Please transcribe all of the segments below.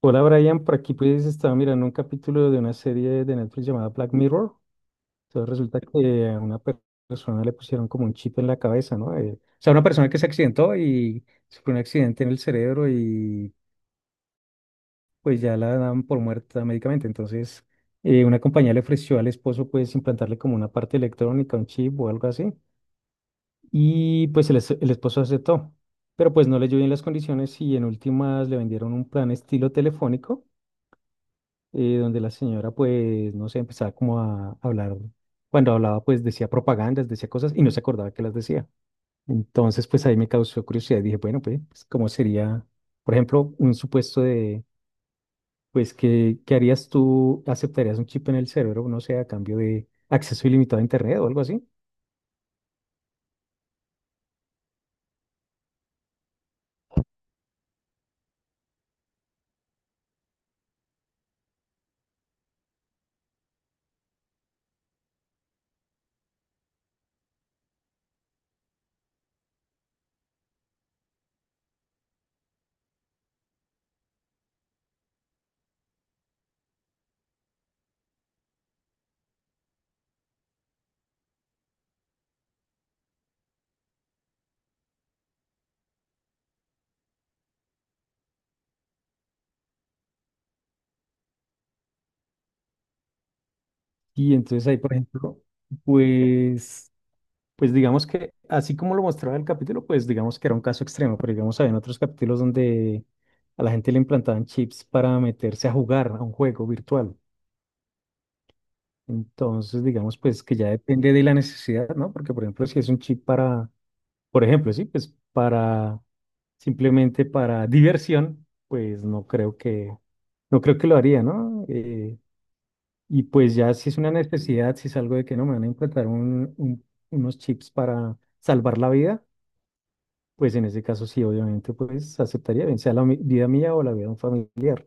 Hola Brian, por aquí pues estaba mirando un capítulo de una serie de Netflix llamada Black Mirror. Entonces resulta que a una persona le pusieron como un chip en la cabeza, ¿no? O sea, una persona que se accidentó y sufrió un accidente en el cerebro y pues ya la daban por muerta médicamente. Entonces, una compañía le ofreció al esposo pues implantarle como una parte electrónica, un chip o algo así. Y pues el esposo aceptó, pero pues no leyó bien las condiciones y en últimas le vendieron un plan estilo telefónico donde la señora, pues, no sé, empezaba como a hablar, cuando hablaba, pues decía propagandas, decía cosas y no se acordaba que las decía. Entonces, pues ahí me causó curiosidad y dije, bueno, pues, ¿cómo sería, por ejemplo, un supuesto de, pues, ¿qué harías tú? ¿Aceptarías un chip en el cerebro, no sé, a cambio de acceso ilimitado a Internet o algo así? Y entonces ahí, por ejemplo, pues... Pues digamos que, así como lo mostraba el capítulo, pues digamos que era un caso extremo, pero digamos, había otros capítulos donde a la gente le implantaban chips para meterse a jugar a un juego virtual. Entonces, digamos, pues que ya depende de la necesidad, ¿no? Porque, por ejemplo, si es un chip para, por ejemplo, sí, pues para, simplemente para diversión, pues no creo que lo haría, ¿no? Y pues ya si es una necesidad, si es algo de que no me van a implantar unos chips para salvar la vida. Pues en ese caso sí, obviamente, pues aceptaría, bien sea la vida mía o la vida de un familiar.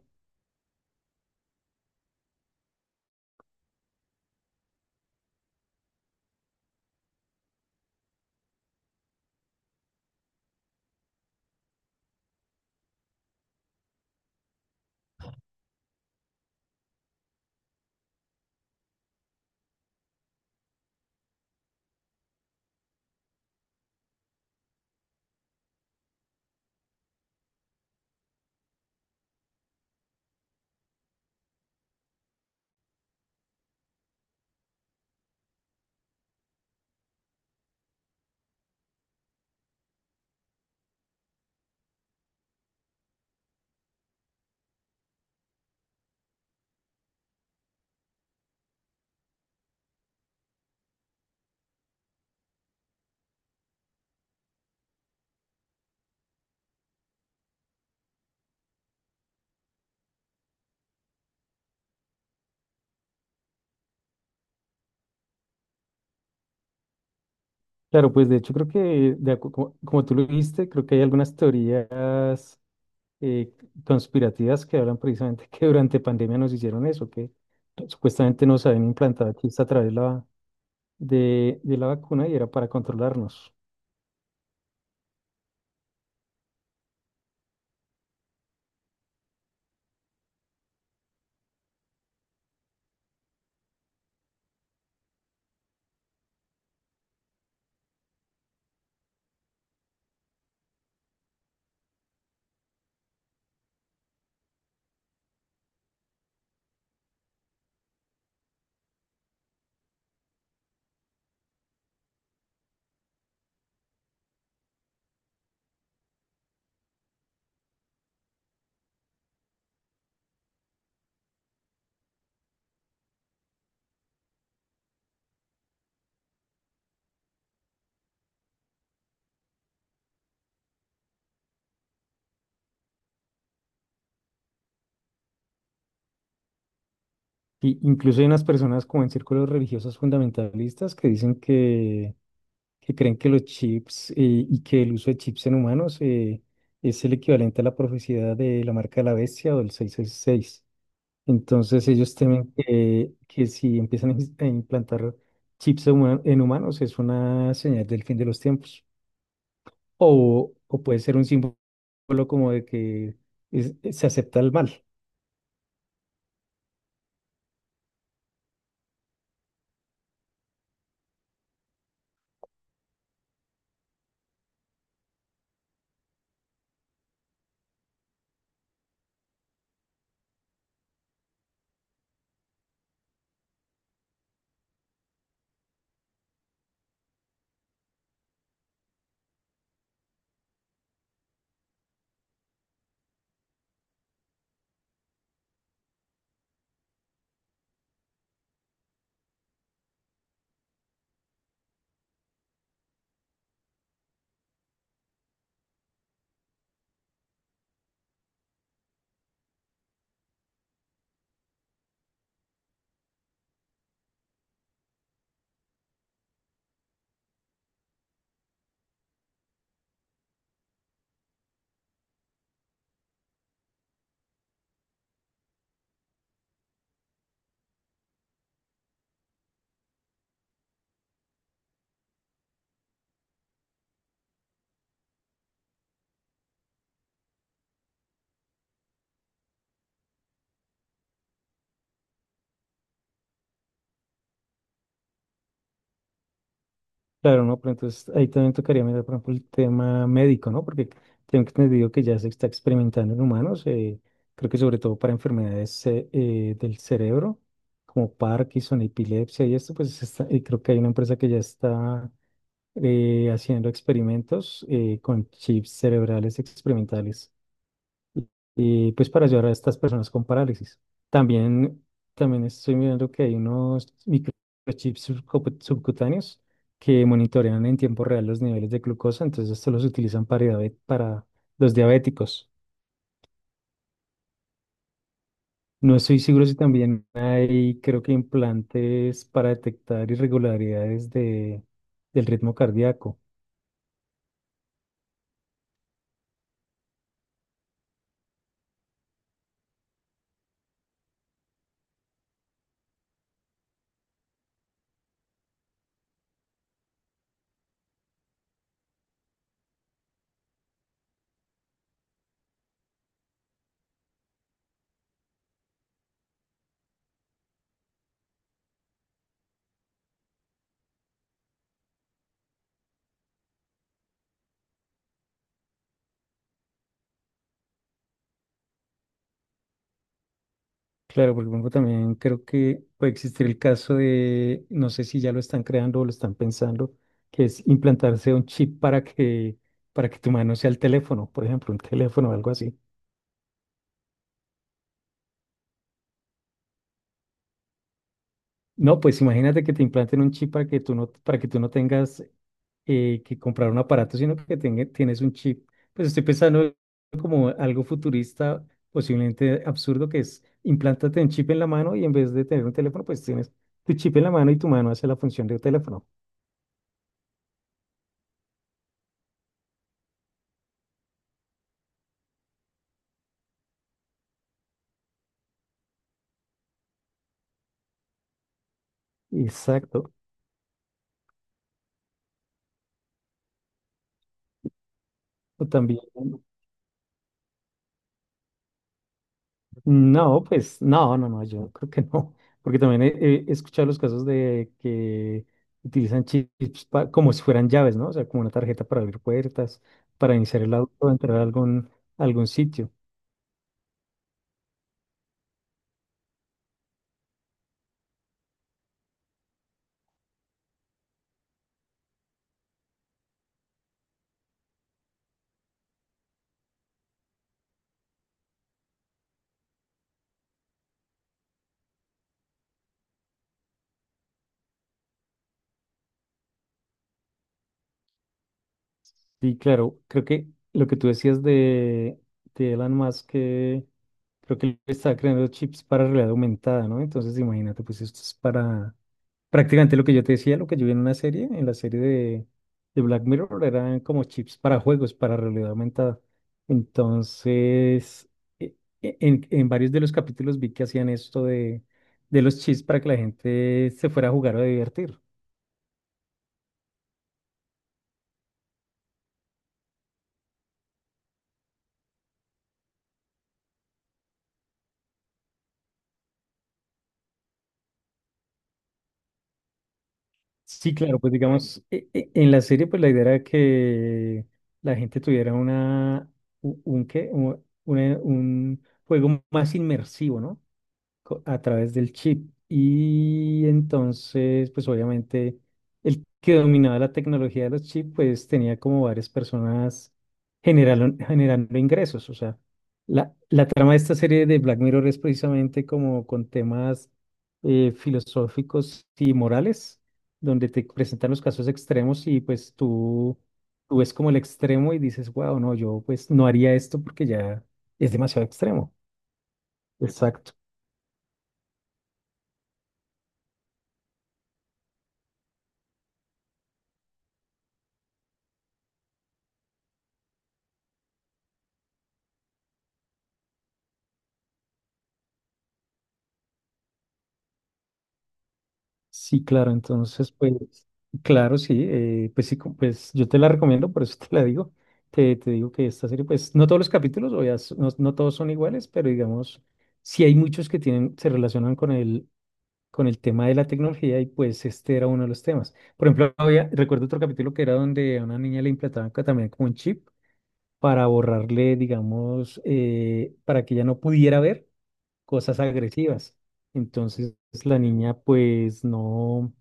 Claro, pues de hecho creo que, como tú lo viste creo que hay algunas teorías eh, conspirativas que hablan precisamente que durante pandemia nos hicieron eso, que no, supuestamente nos habían implantado chips a través de la vacuna y era para controlarnos. Y incluso hay unas personas como en círculos religiosos fundamentalistas que dicen que creen que los chips y que el uso de chips en humanos es el equivalente a la profecía de la marca de la bestia o del 666. Entonces ellos temen que si empiezan a implantar chips en humanos es una señal del fin de los tiempos. O puede ser un símbolo como de que se acepta el mal. Claro, ¿no? Pero entonces ahí también tocaría mirar, por ejemplo, el tema médico, ¿no? Porque tengo entendido que ya se está experimentando en humanos, creo que sobre todo para enfermedades del cerebro, como Parkinson, epilepsia y esto, y creo que hay una empresa que ya está haciendo experimentos con chips cerebrales experimentales y pues para ayudar a estas personas con parálisis. También, también estoy mirando que hay unos microchips subcutáneos que monitorean en tiempo real los niveles de glucosa, entonces estos los utilizan para, para los diabéticos. No estoy seguro si también hay, creo que implantes para detectar irregularidades del ritmo cardíaco. Claro, porque por ejemplo, también creo que puede existir el caso de, no sé si ya lo están creando o lo están pensando, que es implantarse un chip para que tu mano sea el teléfono, por ejemplo, un teléfono o algo así. No, pues imagínate que te implanten un chip para que tú no tengas que comprar un aparato, sino que tienes un chip. Pues estoy pensando como algo futurista, posiblemente absurdo, que es implántate un chip en la mano y en vez de tener un teléfono, pues tienes tu chip en la mano y tu mano hace la función de un teléfono. Exacto. O también, no, pues no, yo creo que no, porque también he escuchado los casos de que utilizan como si fueran llaves, ¿no? O sea, como una tarjeta para abrir puertas, para iniciar el auto, entrar a algún sitio. Y claro, creo que lo que tú decías de Elon Musk, que creo que él está creando chips para realidad aumentada, ¿no? Entonces, imagínate, pues esto es para. Prácticamente lo que yo te decía, lo que yo vi en una serie, en la serie de Black Mirror, eran como chips para juegos, para realidad aumentada. Entonces, e- en varios de los capítulos vi que hacían esto de los chips para que la gente se fuera a jugar o a divertir. Sí, claro, pues digamos, en la serie, pues la idea era que la gente tuviera una, u- un, qué, un, una- un juego más inmersivo, ¿no? A través del chip. Y entonces, pues obviamente, el que dominaba la tecnología de los chips, pues tenía como varias personas generando ingresos. O sea, la trama de esta serie de Black Mirror es precisamente como con temas filosóficos y morales, donde te presentan los casos extremos y pues tú ves como el extremo y dices, wow, no, yo pues no haría esto porque ya es demasiado extremo. Exacto. Sí, claro, entonces, pues, claro, sí, pues sí, pues yo te la recomiendo, por eso te la digo. Te digo que esta serie, pues, no todos los capítulos, no, no todos son iguales, pero digamos, sí hay muchos que tienen, se relacionan con con el tema de la tecnología y pues este era uno de los temas. Por ejemplo, había, recuerdo otro capítulo que era donde a una niña le implantaban también como un chip para borrarle, digamos, para que ella no pudiera ver cosas agresivas. Entonces, la niña, pues, no.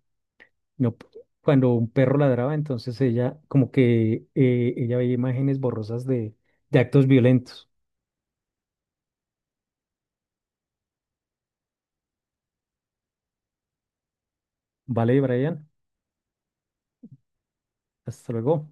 No, p- cuando un perro ladraba, entonces ella, como que ella veía imágenes borrosas de actos violentos. Vale, Brian, hasta luego.